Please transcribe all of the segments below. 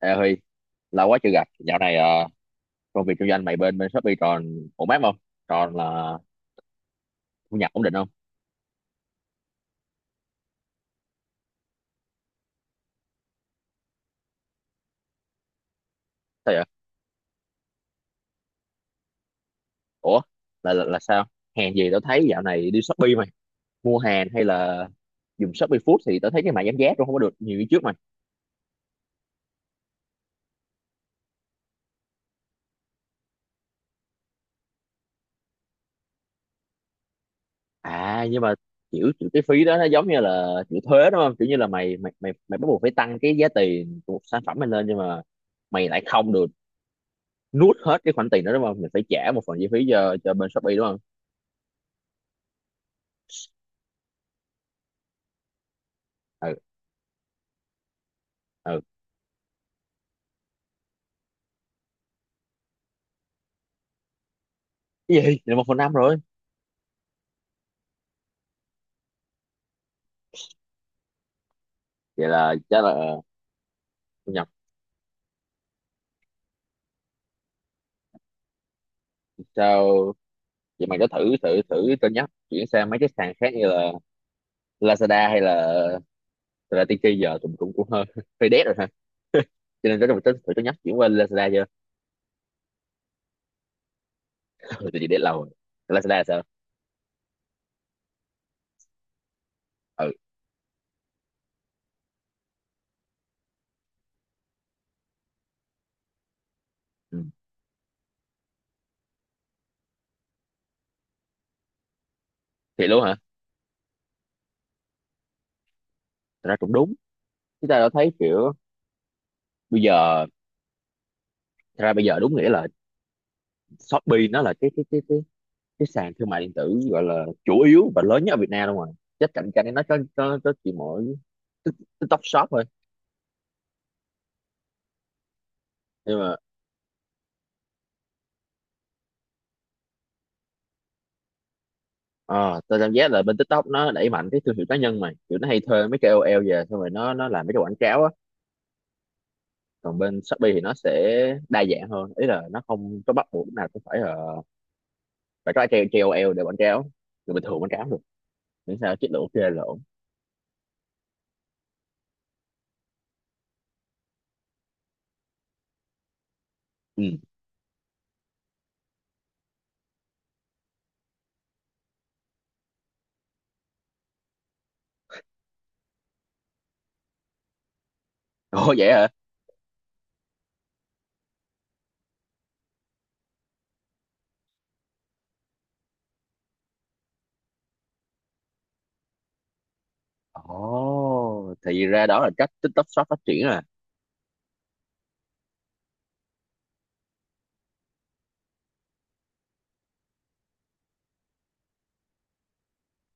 Ê Huy, lâu quá chưa gặp. Dạo này công việc kinh doanh mày bên bên Shopee còn ổn áp không? Còn là thu nhập ổn định không? Sao vậy? Ủa, là sao? Hàng gì tao thấy dạo này đi Shopee mày, mua hàng hay là dùng Shopee Food thì tao thấy cái mã giảm giá cũng không có được nhiều như trước mày. À nhưng mà kiểu cái phí đó nó giống như là kiểu thuế đúng không? Kiểu như là mày mày mày mày bắt buộc phải tăng cái giá tiền của một sản phẩm mày lên nhưng mà mày lại không được nuốt hết cái khoản tiền đó đúng không? Mình phải trả một phần chi phí cho bên Shopee đúng không? Ừ, ừ. Cái gì? Là một phần năm rồi. Vậy là chắc là thu nhập sao vậy? Mày có thử thử thử cân nhắc chuyển sang mấy cái sàn khác như là Lazada, hay là thật ra Tiki giờ tụi mình cũng cũng hơi hơi dead rồi ha, cho nên có thử cân nhắc chuyển qua Lazada chưa? Ừ, tự nhiên dead lâu rồi. Lazada sao? Ừ. Ừ. Thì luôn hả? Thật ra cũng đúng, chúng ta đã thấy kiểu bây giờ, thật ra bây giờ đúng nghĩa là Shopee nó là cái sàn thương mại điện tử gọi là chủ yếu và lớn nhất ở Việt Nam luôn rồi, chắc cạnh tranh nó có chỉ mỗi Tik- TikTok Shop thôi. Nhưng mà ờ, tao cảm giác là bên TikTok nó đẩy mạnh cái thương hiệu cá nhân mà kiểu nó hay thuê mấy cái KOL về xong rồi nó làm mấy cái quảng cáo á. Còn bên Shopee thì nó sẽ đa dạng hơn, ý là nó không có bắt buộc lúc nào cũng phải là phải có cái KOL để quảng cáo, người bình thường quảng cáo được, miễn sao chất lượng ok là ổn. Ừ. Ồ vậy hả? Ồ, thì ra đó là cách TikTok Shop phát triển à?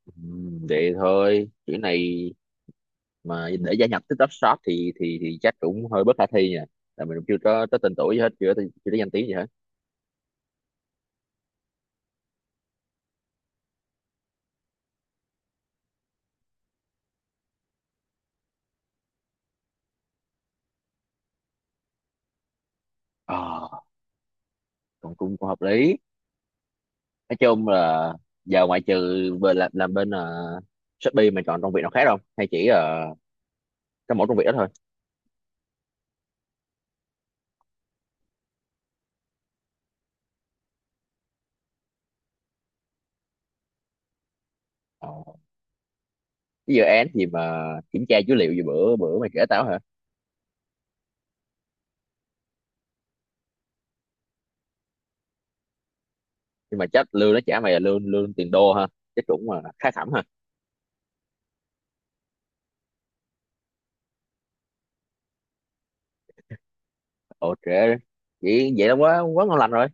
Ừ, vậy thôi kiểu này mà để gia nhập TikTok Shop thì chắc cũng hơi bất khả thi nha, là mình cũng chưa có tới tên tuổi gì hết, chưa có danh tiếng gì hết. Ờ, còn cũng hợp lý. Nói chung là giờ ngoại trừ về làm bên Shopee mà chọn công việc nào khác không, hay chỉ cái mỗi công việc đó thôi? Ờ, cái dự án gì mà kiểm tra dữ liệu gì bữa bữa mày kể tao hả? Nhưng mà chắc lương nó trả mày là lương lương tiền đô ha, chắc cũng mà khá khẩm ha? Ồ trễ, vậy vậy là quá quá ngon lành rồi.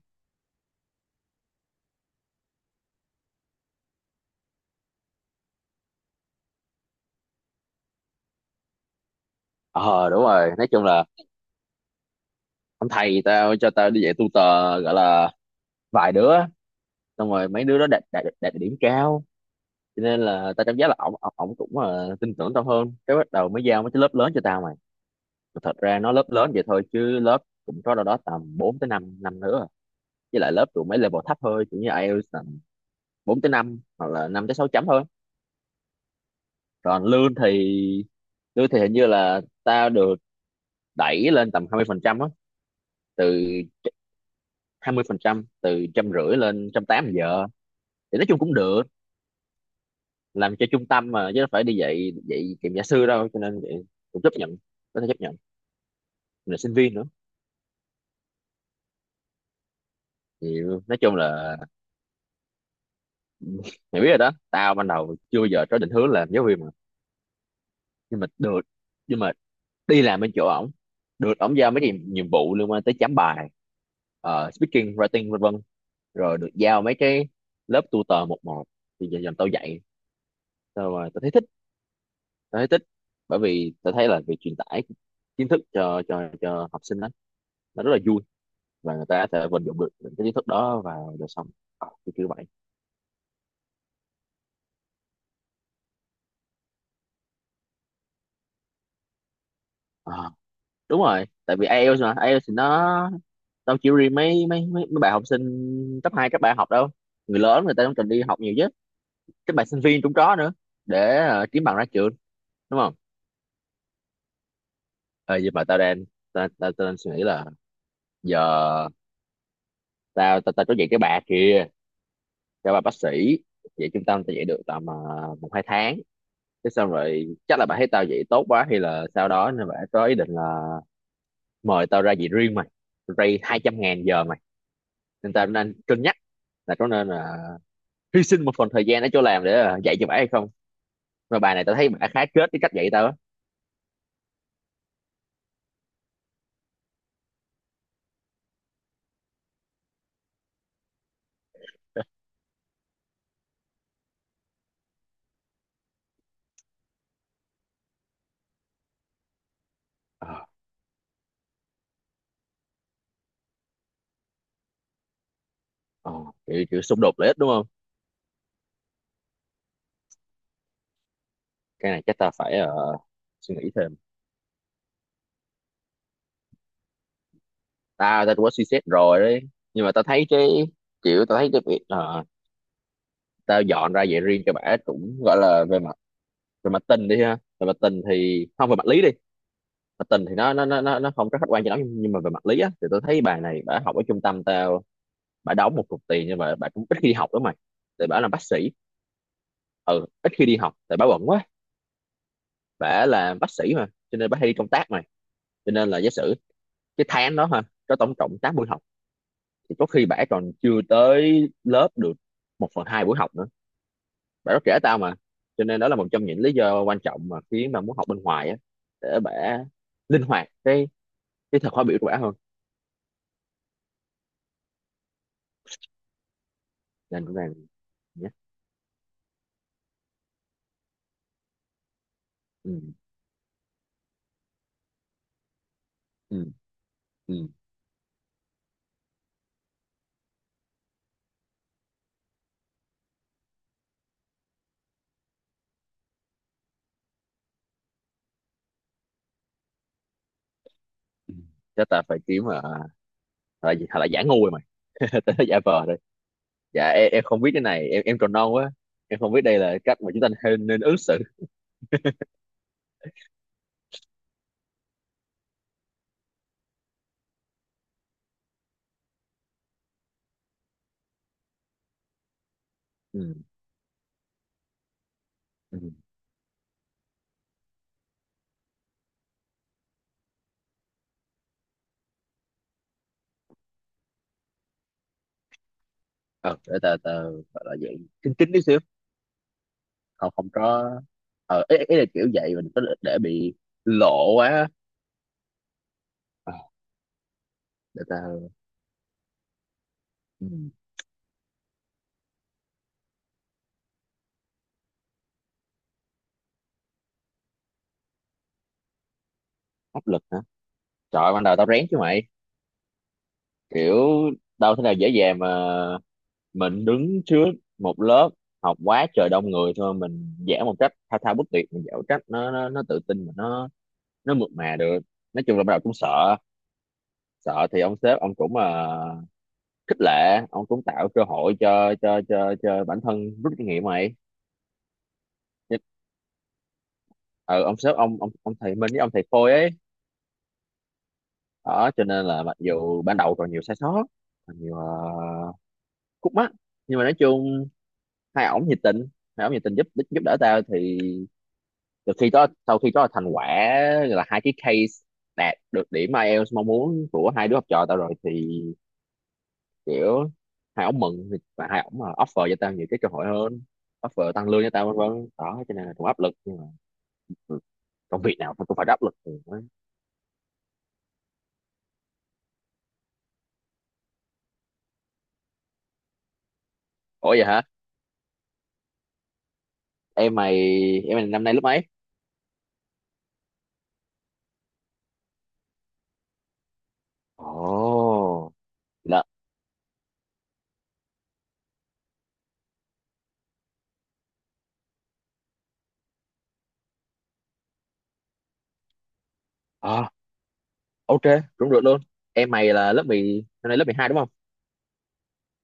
Ờ đúng rồi, nói chung là ông thầy tao cho tao đi dạy tutor gọi là vài đứa, xong rồi mấy đứa đó đạt đạt đạt điểm cao, cho nên là tao cảm giác là ổng ổng ổng cũng tin tưởng tao hơn, cái bắt đầu mới giao mấy cái lớp lớn cho tao mày. Mà thật ra nó lớp lớn vậy thôi chứ lớp cũng có đâu đó tầm 4 tới 5 năm nữa à. Với lại lớp tụi mấy level thấp thôi, kiểu như IELTS tầm 4 tới 5 hoặc là 5 tới 6 chấm thôi. Còn lương thì hình như là tao được đẩy lên tầm 20% á, từ 20% từ trăm rưỡi lên trăm tám giờ. Thì nói chung cũng được, làm cho trung tâm mà chứ đâu phải đi dạy dạy kiểm gia sư đâu, cho nên vậy cũng chấp nhận, có thể chấp nhận, mình là sinh viên nữa. Hiểu. Nói chung là mày biết rồi đó, tao ban đầu chưa bao giờ có định hướng làm giáo viên mà, nhưng mà được nhưng mà đi làm bên chỗ ổng, được ổng giao mấy cái nhiệm vụ liên quan tới chấm bài, speaking writing vân vân, rồi được giao mấy cái lớp tutor một một, thì dần dần tao dạy, tao thấy thích. Tao thấy thích bởi vì tao thấy là việc truyền tải kiến thức cho học sinh đó, nó rất là vui và người ta có thể vận dụng được những cái kiến thức đó vào đời sống. Ờ, kiểu kiểu vậy. Ờ. Đúng rồi, tại vì IELTS mà, IELTS thì nó đâu chỉ riêng mấy bạn học sinh cấp 2 cấp 3 học đâu, người lớn người ta cũng cần đi học nhiều chứ, các bạn sinh viên cũng có nữa, để kiếm bằng ra trường đúng không? Ờ, nhưng mà tao đang suy nghĩ là giờ tao tao tao có dạy cái bà kia, cho bà bác sĩ, dạy trung tâm tao dạy được tầm một hai tháng, thế xong rồi chắc là bà thấy tao dạy tốt quá hay là sau đó, nên bà có ý định là mời tao ra dạy riêng mày, ray hai trăm ngàn giờ mày. Nên tao đang cân nhắc là có nên là hy sinh một phần thời gian để cho làm để dạy cho bả hay không, mà bài này tao thấy bả khá kết cái cách dạy tao á. Ờ, ờ, kiểu xung đột lợi ích đúng không? Cái này chắc tao phải suy nghĩ thêm. Tao tao cũng có suy xét rồi đấy, nhưng mà tao thấy cái kiểu, tao thấy cái việc tao dọn ra dạy riêng cho bả cũng gọi là về mặt, về mặt tình đi ha về mặt tình thì không về mặt lý đi, mặt tình thì nó không có khách quan cho lắm nhưng mà về mặt lý á thì tao thấy bài này bả học ở trung tâm tao, bả đóng một cục tiền nhưng mà bả cũng ít khi đi học lắm mày, tại bả làm bác sĩ. Ừ, ít khi đi học tại bả bận quá, bả là bác sĩ mà cho nên bả hay đi công tác mà, cho nên là giả sử cái tháng đó ha có tổng cộng 8 buổi học thì có khi bả còn chưa tới lớp được một phần hai buổi học nữa, bả có kể tao mà. Cho nên đó là một trong những lý do quan trọng mà khiến mà muốn học bên ngoài á, để bả linh hoạt cái thời khóa biểu của bả hơn. Nên cũng đang, nhé. Ừ ừ ừ ừ Chắc ta phải kiếm mà là gì, hoặc là giả ngu rồi mày, giả vờ đây, dạ em không biết cái này, em còn non quá, em không biết đây là cách mà chúng ta nên ứng xử. Ừ. Ừ. Ờ, để tờ tờ gọi là vậy, kín kín tí xíu. Không, không có, ờ ý là kiểu vậy, mình có để bị lộ quá á. Ờ, để tờ. Ừ. Áp lực hả? Trời ơi, ban đầu tao rén chứ mày, kiểu đâu thế nào dễ dàng mà, mình đứng trước một lớp học quá trời đông người thôi, mình vẽ một cách thao thao bất tuyệt, mình vẽ một cách nó tự tin mà nó mượt mà được. Nói chung là ban đầu cũng sợ, sợ thì ông sếp ông cũng khích lệ, ông cũng tạo cơ hội cho bản thân rút kinh nghiệm mày. Nhất. Ừ, ông sếp ông ông thầy Minh với ông thầy Khôi ấy đó, cho nên là mặc dù ban đầu còn nhiều sai sót, còn nhiều khúc mắc, nhưng mà nói chung hai ổng nhiệt tình hai ổng nhiệt tình giúp giúp đỡ tao. Thì từ khi có sau khi có thành quả là hai cái case đạt được điểm IELTS mong muốn của hai đứa học trò tao rồi thì kiểu hai ổng mừng, và hai ổng mà offer cho tao nhiều cái cơ hội hơn, offer tăng lương cho tao vân vân đó, cho nên là cũng áp lực nhưng mà ừ, công việc nào cũng phải có áp lực thì mới- Ủa vậy hả? Em mày em mày năm nay lớp mấy? Ồ, là, à, ok, đúng được luôn. Em mày là lớp 10 năm nay lớp 12 đúng không?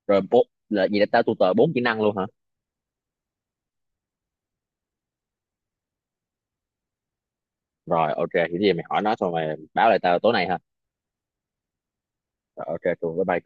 Rồi bộ là gì, là tao tutor bốn kỹ năng luôn hả? Rồi ok, thì cái gì mày hỏi nó xong mày báo lại tao tối nay ha. Rồi ok, cùng với bài